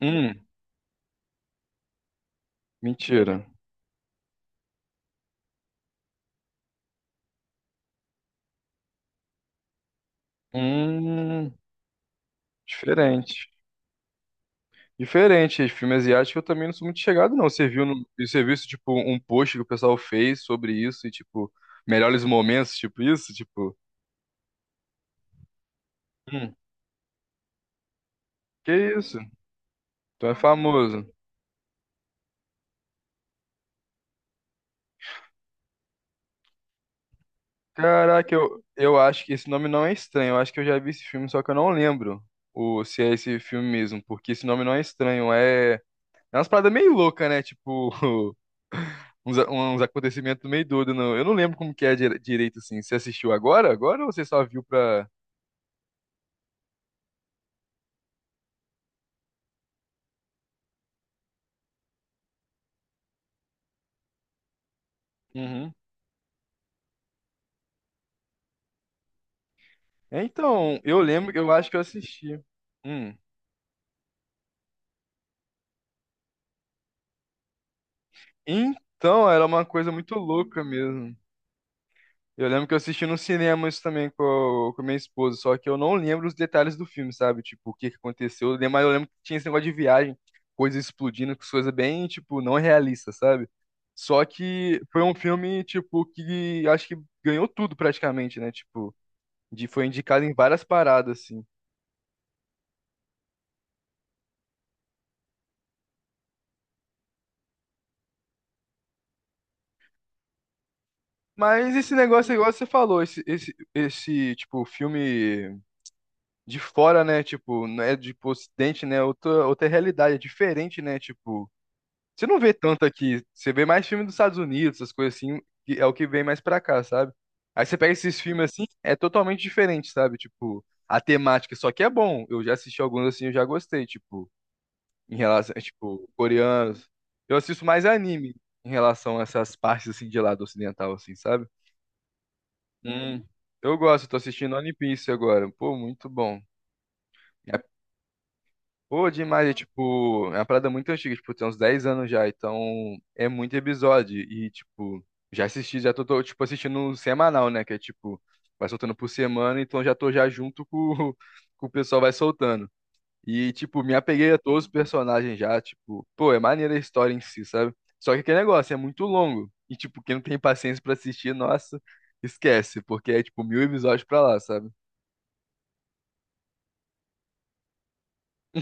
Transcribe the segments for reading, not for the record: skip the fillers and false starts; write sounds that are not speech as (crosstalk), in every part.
Hum, mentira. Hum, diferente. Diferente, esse filme asiático eu também não sou muito chegado, não. Você viu, no, você viu isso, tipo, um post que o pessoal fez sobre isso e, tipo, melhores momentos, tipo isso? Tipo, hum, que isso? Então é famoso. Caraca, eu acho que esse nome não é estranho. Eu acho que eu já vi esse filme, só que eu não lembro se é esse filme mesmo, porque esse nome não é estranho. É umas paradas meio louca, né? Tipo, (laughs) uns acontecimentos meio doidos, não. Eu não lembro como que é direito, assim. Você assistiu agora? Agora ou você só viu pra. Uhum. É, então, eu lembro, eu acho que eu assisti. Hum. Então, era uma coisa muito louca mesmo. Eu lembro que eu assisti no cinema isso também com minha esposa, só que eu não lembro os detalhes do filme, sabe? Tipo, o que que aconteceu. Mas eu lembro que tinha esse negócio de viagem, coisa explodindo, coisa bem, tipo, não realista, sabe? Só que foi um filme, tipo, que acho que ganhou tudo praticamente, né? Tipo, foi indicado em várias paradas, assim. Mas esse negócio, igual você falou, esse, tipo, filme de fora, né? Tipo, não é de pro ocidente, né? É outra realidade, é diferente, né? Tipo, você não vê tanto aqui. Você vê mais filme dos Estados Unidos, essas coisas assim, que é o que vem mais pra cá, sabe? Aí você pega esses filmes assim, é totalmente diferente, sabe? Tipo, a temática, só que é bom. Eu já assisti alguns assim, eu já gostei, tipo, em relação, é, tipo, coreanos. Eu assisto mais anime em relação a essas partes, assim, de lado ocidental, assim, sabe? Hum. Eu gosto, tô assistindo One Piece agora. Pô, muito bom. É, pô, demais, é tipo, é uma parada muito antiga, tipo, tem uns 10 anos já, então é muito episódio. E, tipo, já assisti, já tô, tipo, assistindo um semanal, né? Que é tipo, vai soltando por semana, então já tô já junto com, (laughs) com o pessoal vai soltando. E, tipo, me apeguei a todos os personagens já, tipo, pô, é maneira a história em si, sabe? Só que aquele negócio é muito longo. E, tipo, quem não tem paciência pra assistir, nossa, esquece, porque é, tipo, mil episódios pra lá, sabe?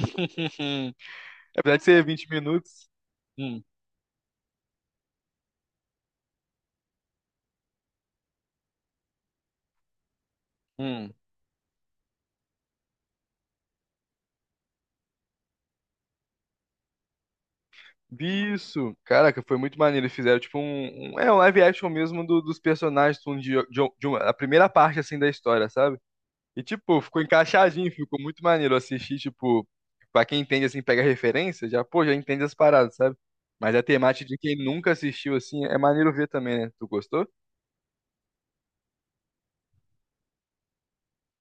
(laughs) Apesar de ser 20 minutos. Hum, hum. Vi isso, caraca, foi muito maneiro. Eles fizeram tipo um live action mesmo dos personagens de, um- de uma- a primeira parte assim da história, sabe? E, tipo, ficou encaixadinho, ficou muito maneiro assistir, tipo, pra quem entende, assim, pega referência, já, pô, já entende as paradas, sabe? Mas a temática de quem nunca assistiu, assim, é maneiro ver também, né? Tu gostou?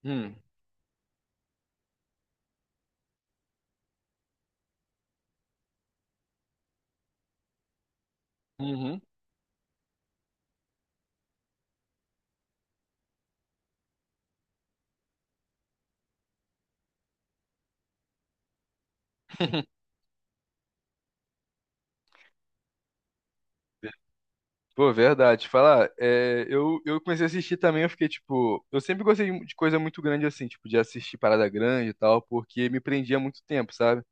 Hum. Uhum. (laughs) Pô, verdade. Falar, é, eu comecei a assistir também, eu fiquei, tipo, eu sempre gostei de coisa muito grande, assim, tipo, de assistir parada grande e tal, porque me prendia muito tempo, sabe?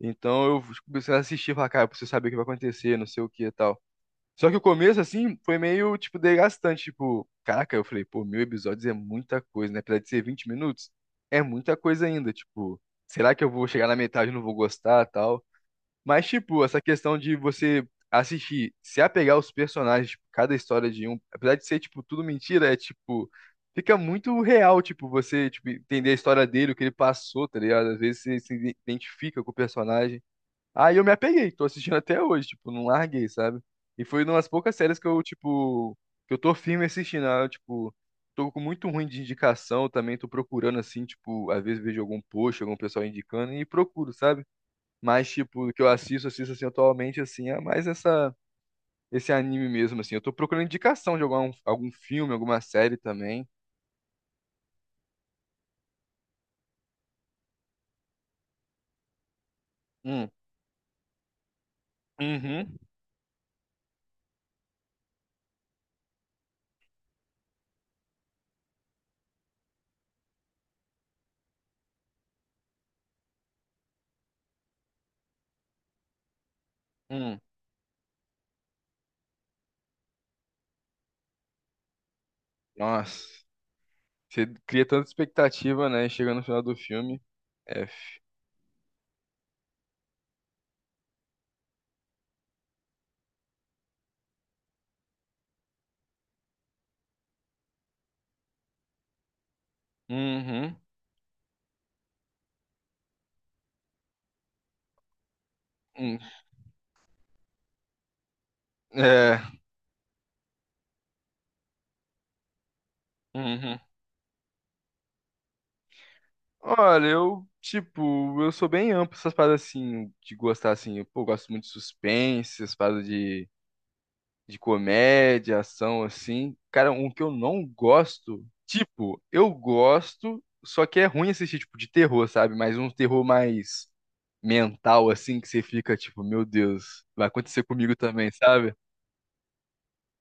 Então eu comecei a assistir, e falar, cara, eu preciso saber o que vai acontecer, não sei o que e tal. Só que o começo, assim, foi meio, tipo, desgastante. Tipo, caraca, eu falei, pô, mil episódios é muita coisa, né? Apesar de ser 20 minutos, é muita coisa ainda. Tipo, será que eu vou chegar na metade e não vou gostar tal? Mas, tipo, essa questão de você assistir, se apegar aos personagens, tipo, cada história de um, apesar de ser, tipo, tudo mentira, é, tipo, fica muito real, tipo, você, tipo, entender a história dele, o que ele passou, tá ligado? Às vezes você se identifica com o personagem. Aí eu me apeguei, tô assistindo até hoje, tipo, não larguei, sabe? E foi uma das poucas séries que eu tô firme assistindo. Ah, eu, tipo, tô com muito ruim de indicação também, tô procurando assim, tipo, às vezes vejo algum post, algum pessoal indicando e procuro, sabe? Mas, tipo, o que eu assisto assim atualmente, assim, é mais essa, esse anime mesmo, assim. Eu tô procurando indicação de algum filme, alguma série também. Hum, uhum, hum. Nossa, você cria tanta expectativa, né? Chega no final do filme. F. Uhum. Hum, É. Uhum. Olha, eu sou bem amplo essas paradas assim, de gostar assim. Eu, pô, gosto muito de suspense, essas paradas de, comédia, ação, assim. Cara, um que eu não gosto, tipo, eu gosto, só que é ruim assistir, tipo, de terror, sabe? Mas um terror mais mental, assim, que você fica, tipo, meu Deus, vai acontecer comigo também, sabe?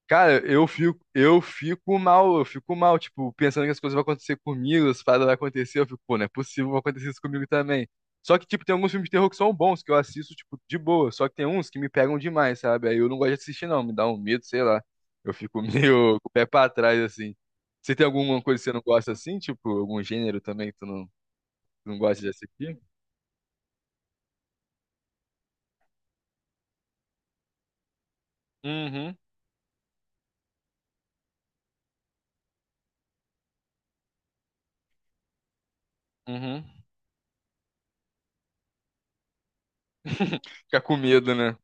Cara, eu fico mal, tipo, pensando que as coisas vão acontecer comigo, as paradas vão acontecer, eu fico, pô, não é possível, vai acontecer isso comigo também. Só que, tipo, tem alguns filmes de terror que são bons, que eu assisto, tipo, de boa, só que tem uns que me pegam demais, sabe? Aí eu não gosto de assistir, não, me dá um medo, sei lá. Eu fico (laughs) meio com o pé pra trás, assim. Você tem alguma coisa que você não gosta assim, tipo, algum gênero também que tu não gosta de assistir? Uhum, uhum. (laughs) Fica com medo, né?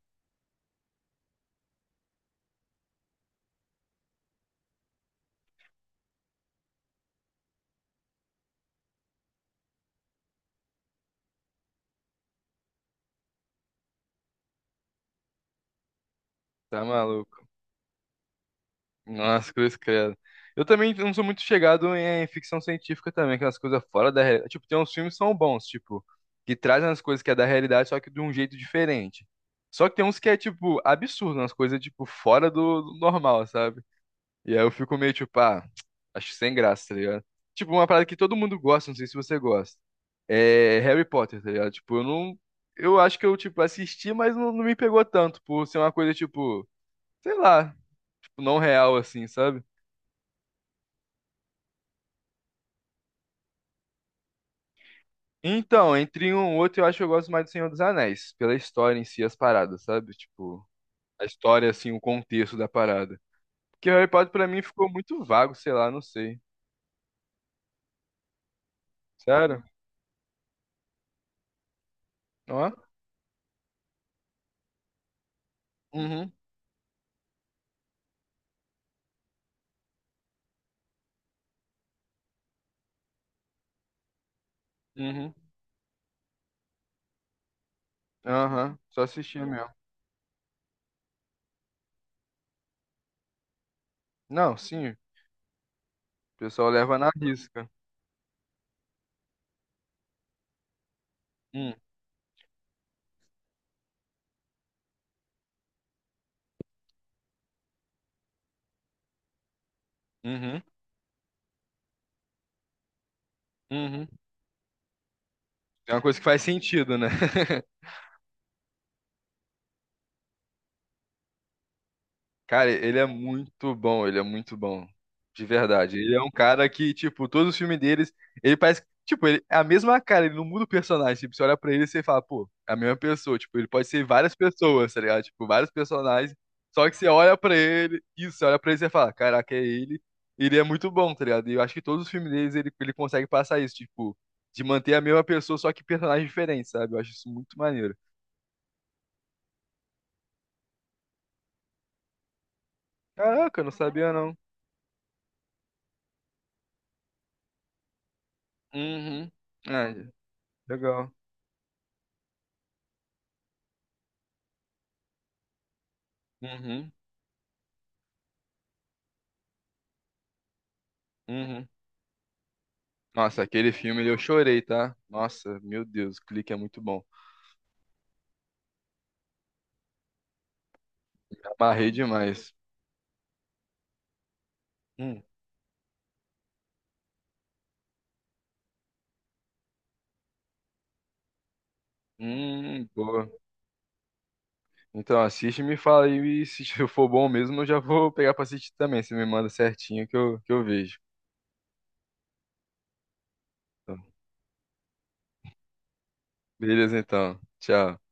Tá maluco. Nossa, cruz credo. Eu também não sou muito chegado em ficção científica também, aquelas coisas fora da realidade. Tipo, tem uns filmes que são bons, tipo, que trazem as coisas que é da realidade, só que de um jeito diferente. Só que tem uns que é, tipo, absurdo, umas coisas, tipo, fora do normal, sabe? E aí eu fico meio, tipo, ah, (tsk) acho que sem graça, tá ligado? Tipo, uma parada que todo mundo gosta, não sei se você gosta. É Harry Potter, tá ligado? Tipo, eu não. Eu acho que eu, tipo, assisti, mas não, não me pegou tanto, por ser uma coisa, tipo, sei lá, tipo, não real, assim, sabe? Então, entre um e outro, eu acho que eu gosto mais do Senhor dos Anéis, pela história em si, as paradas, sabe? Tipo, a história, assim, o contexto da parada. Porque Harry Potter, pra mim, ficou muito vago, sei lá, não sei. Sério? Ó? Uhum, uhum, aham, só assistir mesmo. Não, sim, o pessoal leva na risca. Hum, uhum, uhum. É uma coisa que faz sentido, né? Cara, ele é muito bom, ele é muito bom. De verdade. Ele é um cara que, tipo, todos os filmes deles, ele parece, tipo, ele é a mesma cara, ele não muda o personagem. Tipo, você olha pra ele e você fala, pô, é a mesma pessoa. Tipo, ele pode ser várias pessoas, tá ligado? Tipo, vários personagens. Só que você olha pra ele, isso, você olha pra ele e você fala, caraca, é ele. Ele é muito bom, tá ligado? E eu acho que todos os filmes deles ele consegue passar isso, tipo, de manter a mesma pessoa, só que personagens diferentes, sabe? Eu acho isso muito maneiro. Caraca, eu não sabia não. Uhum. Ah, legal. Uhum. Uhum. Nossa, aquele filme eu chorei, tá? Nossa, meu Deus, o Clique é muito bom. Me amarrei demais. Hum, boa. Então assiste e me fala aí, e se (laughs) for bom mesmo, eu já vou pegar pra assistir também. Você me manda certinho que eu vejo. Então, beleza, então. Tchau.